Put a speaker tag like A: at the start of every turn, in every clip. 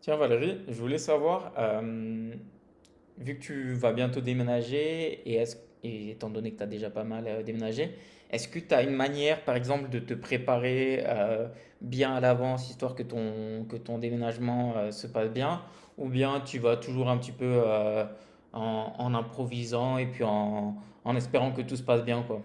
A: Tiens Valérie, je voulais savoir, vu que tu vas bientôt déménager et étant donné que tu as déjà pas mal déménagé, est-ce que tu as une manière par exemple de te préparer bien à l'avance, histoire que ton déménagement se passe bien, ou bien tu vas toujours un petit peu en improvisant et puis en espérant que tout se passe bien, quoi?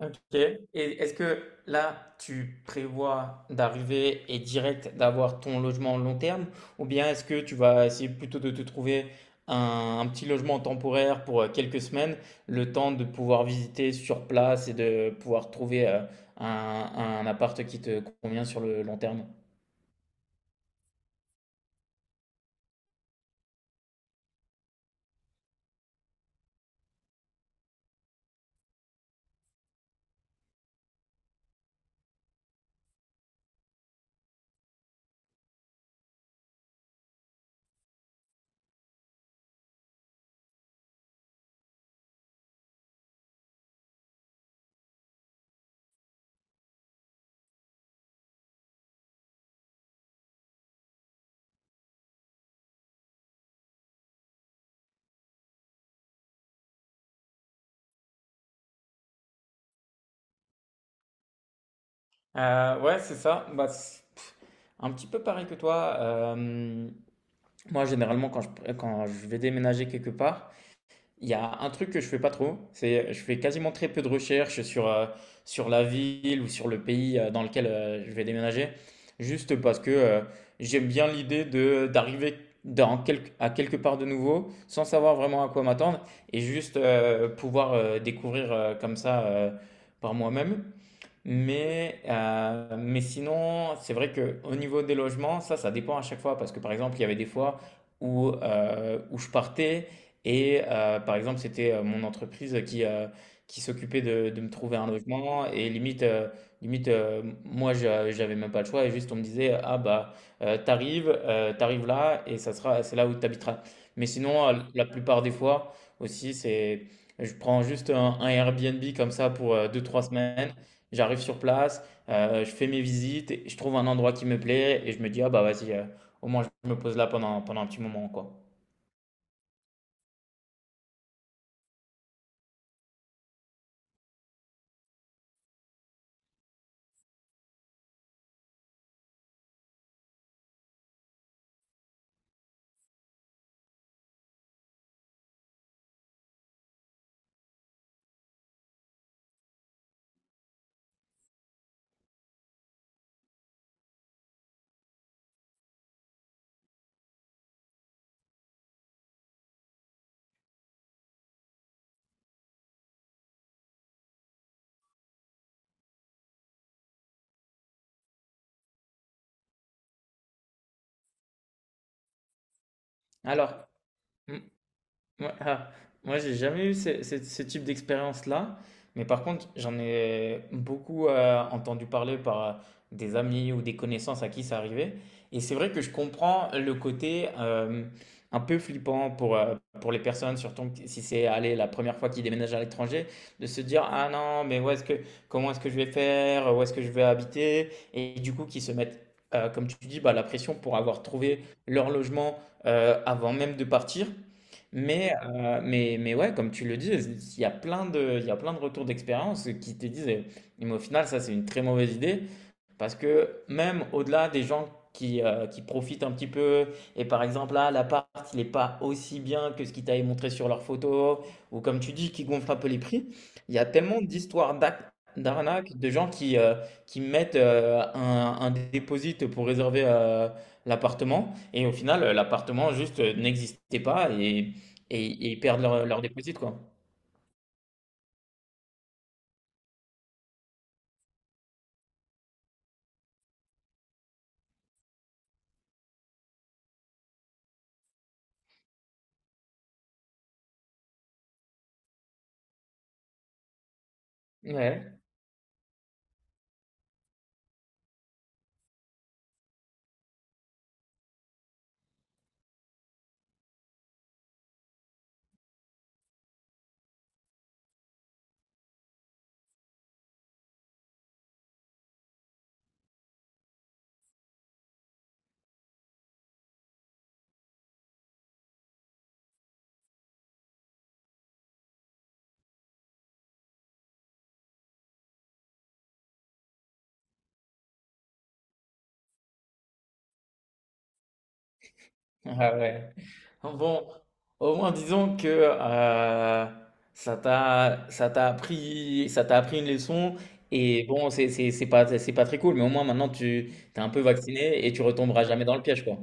A: OK. Et est-ce que là, tu prévois d'arriver et direct d'avoir ton logement long terme, ou bien est-ce que tu vas essayer plutôt de te trouver un petit logement temporaire pour quelques semaines, le temps de pouvoir visiter sur place et de pouvoir trouver un appart qui te convient sur le long terme? Ouais, c'est ça. Bah, un petit peu pareil que toi. Moi, généralement, quand je vais déménager quelque part, il y a un truc que je fais pas trop, c'est je fais quasiment très peu de recherches sur la ville ou sur le pays dans lequel je vais déménager, juste parce que j'aime bien l'idée de d'arriver à quelque part de nouveau sans savoir vraiment à quoi m'attendre, et juste pouvoir découvrir comme ça par moi-même. Mais, mais sinon, c'est vrai qu'au niveau des logements, ça dépend à chaque fois. Parce que par exemple, il y avait des fois où je partais et par exemple, c'était mon entreprise qui s'occupait de me trouver un logement. Et limite, limite moi, j'avais même pas le choix. Et juste, on me disait, ah bah, t'arrives là et ça sera, c'est là où t'habiteras. Mais sinon, la plupart des fois aussi, c'est. Je prends juste un Airbnb comme ça pour deux trois semaines. J'arrive sur place, je fais mes visites, et je trouve un endroit qui me plaît et je me dis, ah bah vas-y, au moins je me pose là pendant un petit moment, quoi. Alors, ouais, ah, moi, j'ai jamais eu ce type d'expérience-là, mais par contre, j'en ai beaucoup entendu parler par des amis ou des connaissances à qui ça arrivait. Et c'est vrai que je comprends le côté un peu flippant pour les personnes, surtout que si c'est, allez, la première fois qu'ils déménagent à l'étranger, de se dire, ah non, mais où est-ce que, comment est-ce que je vais faire, où est-ce que je vais habiter? Et du coup, qu'ils se mettent, comme tu dis, bah, la pression pour avoir trouvé leur logement avant même de partir. Mais, mais ouais, comme tu le dis, il y a plein de, il y a plein de retours d'expérience qui te disent, eh, mais au final, ça, c'est une très mauvaise idée. Parce que même au-delà des gens qui profitent un petit peu, et par exemple là, l'appart, il n'est pas aussi bien que ce qu'ils t'avaient montré sur leurs photos, ou, comme tu dis, qui gonflent un peu les prix, il y a tellement d'histoires d'arnaques, de gens qui mettent un dépôt pour réserver l'appartement, et au final, l'appartement juste n'existait pas, et, et ils perdent leur dépôt, quoi. Ouais. Ah ouais. Bon, au moins, disons que ça t'a appris une leçon, et bon, c'est pas très cool, mais au moins maintenant tu t'es un peu vacciné et tu retomberas jamais dans le piège, quoi.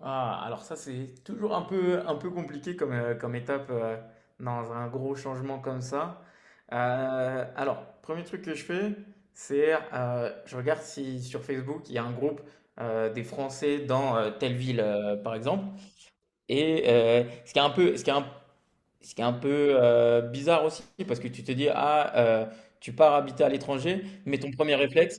A: Ah, alors ça c'est toujours un peu compliqué comme comme étape dans un gros changement comme ça. Alors, premier truc que je fais, c'est je regarde si sur Facebook il y a un groupe des Français dans telle ville par exemple. Et ce qui est un peu bizarre aussi, parce que tu te dis, ah, tu pars habiter à l'étranger, mais ton premier réflexe,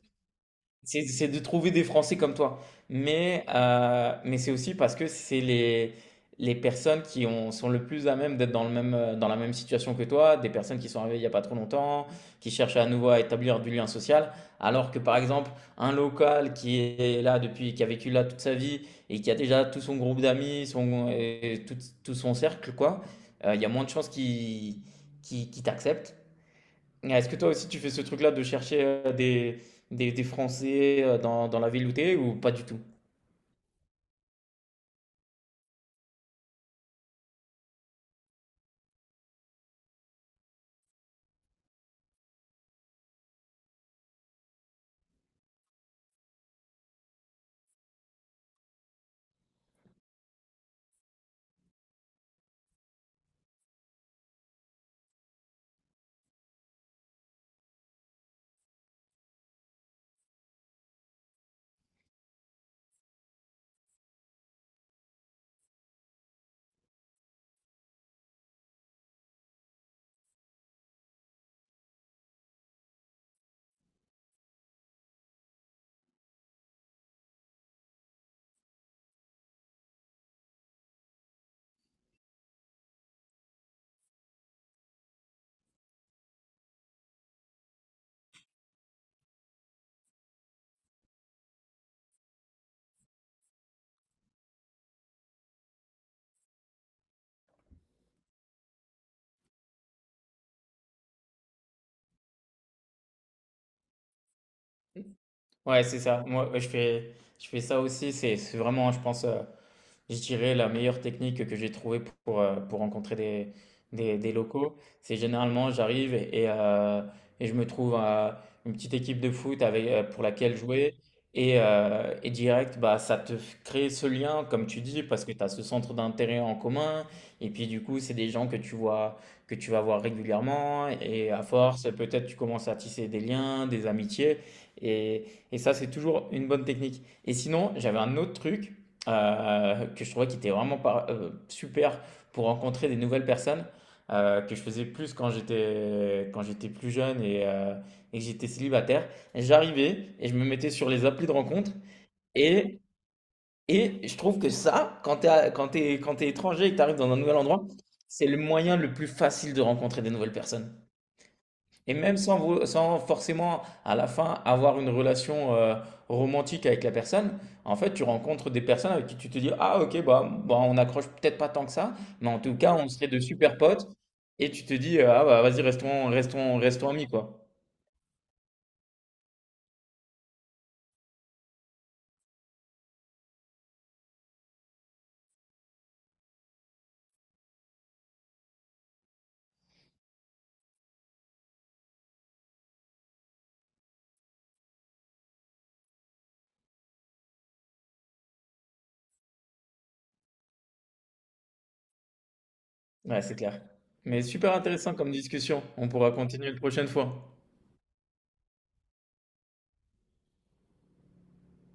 A: c'est de trouver des Français comme toi. Mais, mais c'est aussi parce que c'est les personnes qui sont le plus à même d'être dans la même situation que toi, des personnes qui sont arrivées il n'y a pas trop longtemps, qui cherchent à nouveau à établir du lien social, alors que par exemple, un local qui est là depuis, qui a vécu là toute sa vie et qui a déjà tout son groupe d'amis, son, et tout, tout son cercle, quoi, il y a moins de chances qu'il t'accepte. Ah, est-ce que toi aussi tu fais ce truc-là de chercher des Français dans la ville où t'es, ou pas du tout? Ouais, c'est ça. Moi, je fais ça aussi. C'est vraiment, je pense, je dirais la meilleure technique que j'ai trouvée pour rencontrer des locaux: c'est généralement j'arrive et je me trouve une petite équipe de foot avec, pour laquelle jouer. Et, et direct, bah, ça te crée ce lien, comme tu dis, parce que tu as ce centre d'intérêt en commun. Et puis du coup, c'est des gens que tu vois, que tu vas voir régulièrement. Et à force, peut-être tu commences à tisser des liens, des amitiés. Et, et ça, c'est toujours une bonne technique. Et sinon, j'avais un autre truc que je trouvais qui était vraiment super pour rencontrer des nouvelles personnes que je faisais plus quand j'étais plus jeune, et que j'étais célibataire. J'arrivais et je me mettais sur les applis de rencontre, et et je trouve que ça, quand t'es à- quand t'es étranger et que t'arrives dans un nouvel endroit, c'est le moyen le plus facile de rencontrer des nouvelles personnes. Et même sans, sans forcément à la fin avoir une relation romantique avec la personne, en fait tu rencontres des personnes avec qui tu te dis, ah ok, bah, on accroche peut-être pas tant que ça, mais en tout cas on serait de super potes, et tu te dis ah bah vas-y, restons amis, quoi. Ouais, c'est clair. Mais super intéressant comme discussion, on pourra continuer une prochaine fois.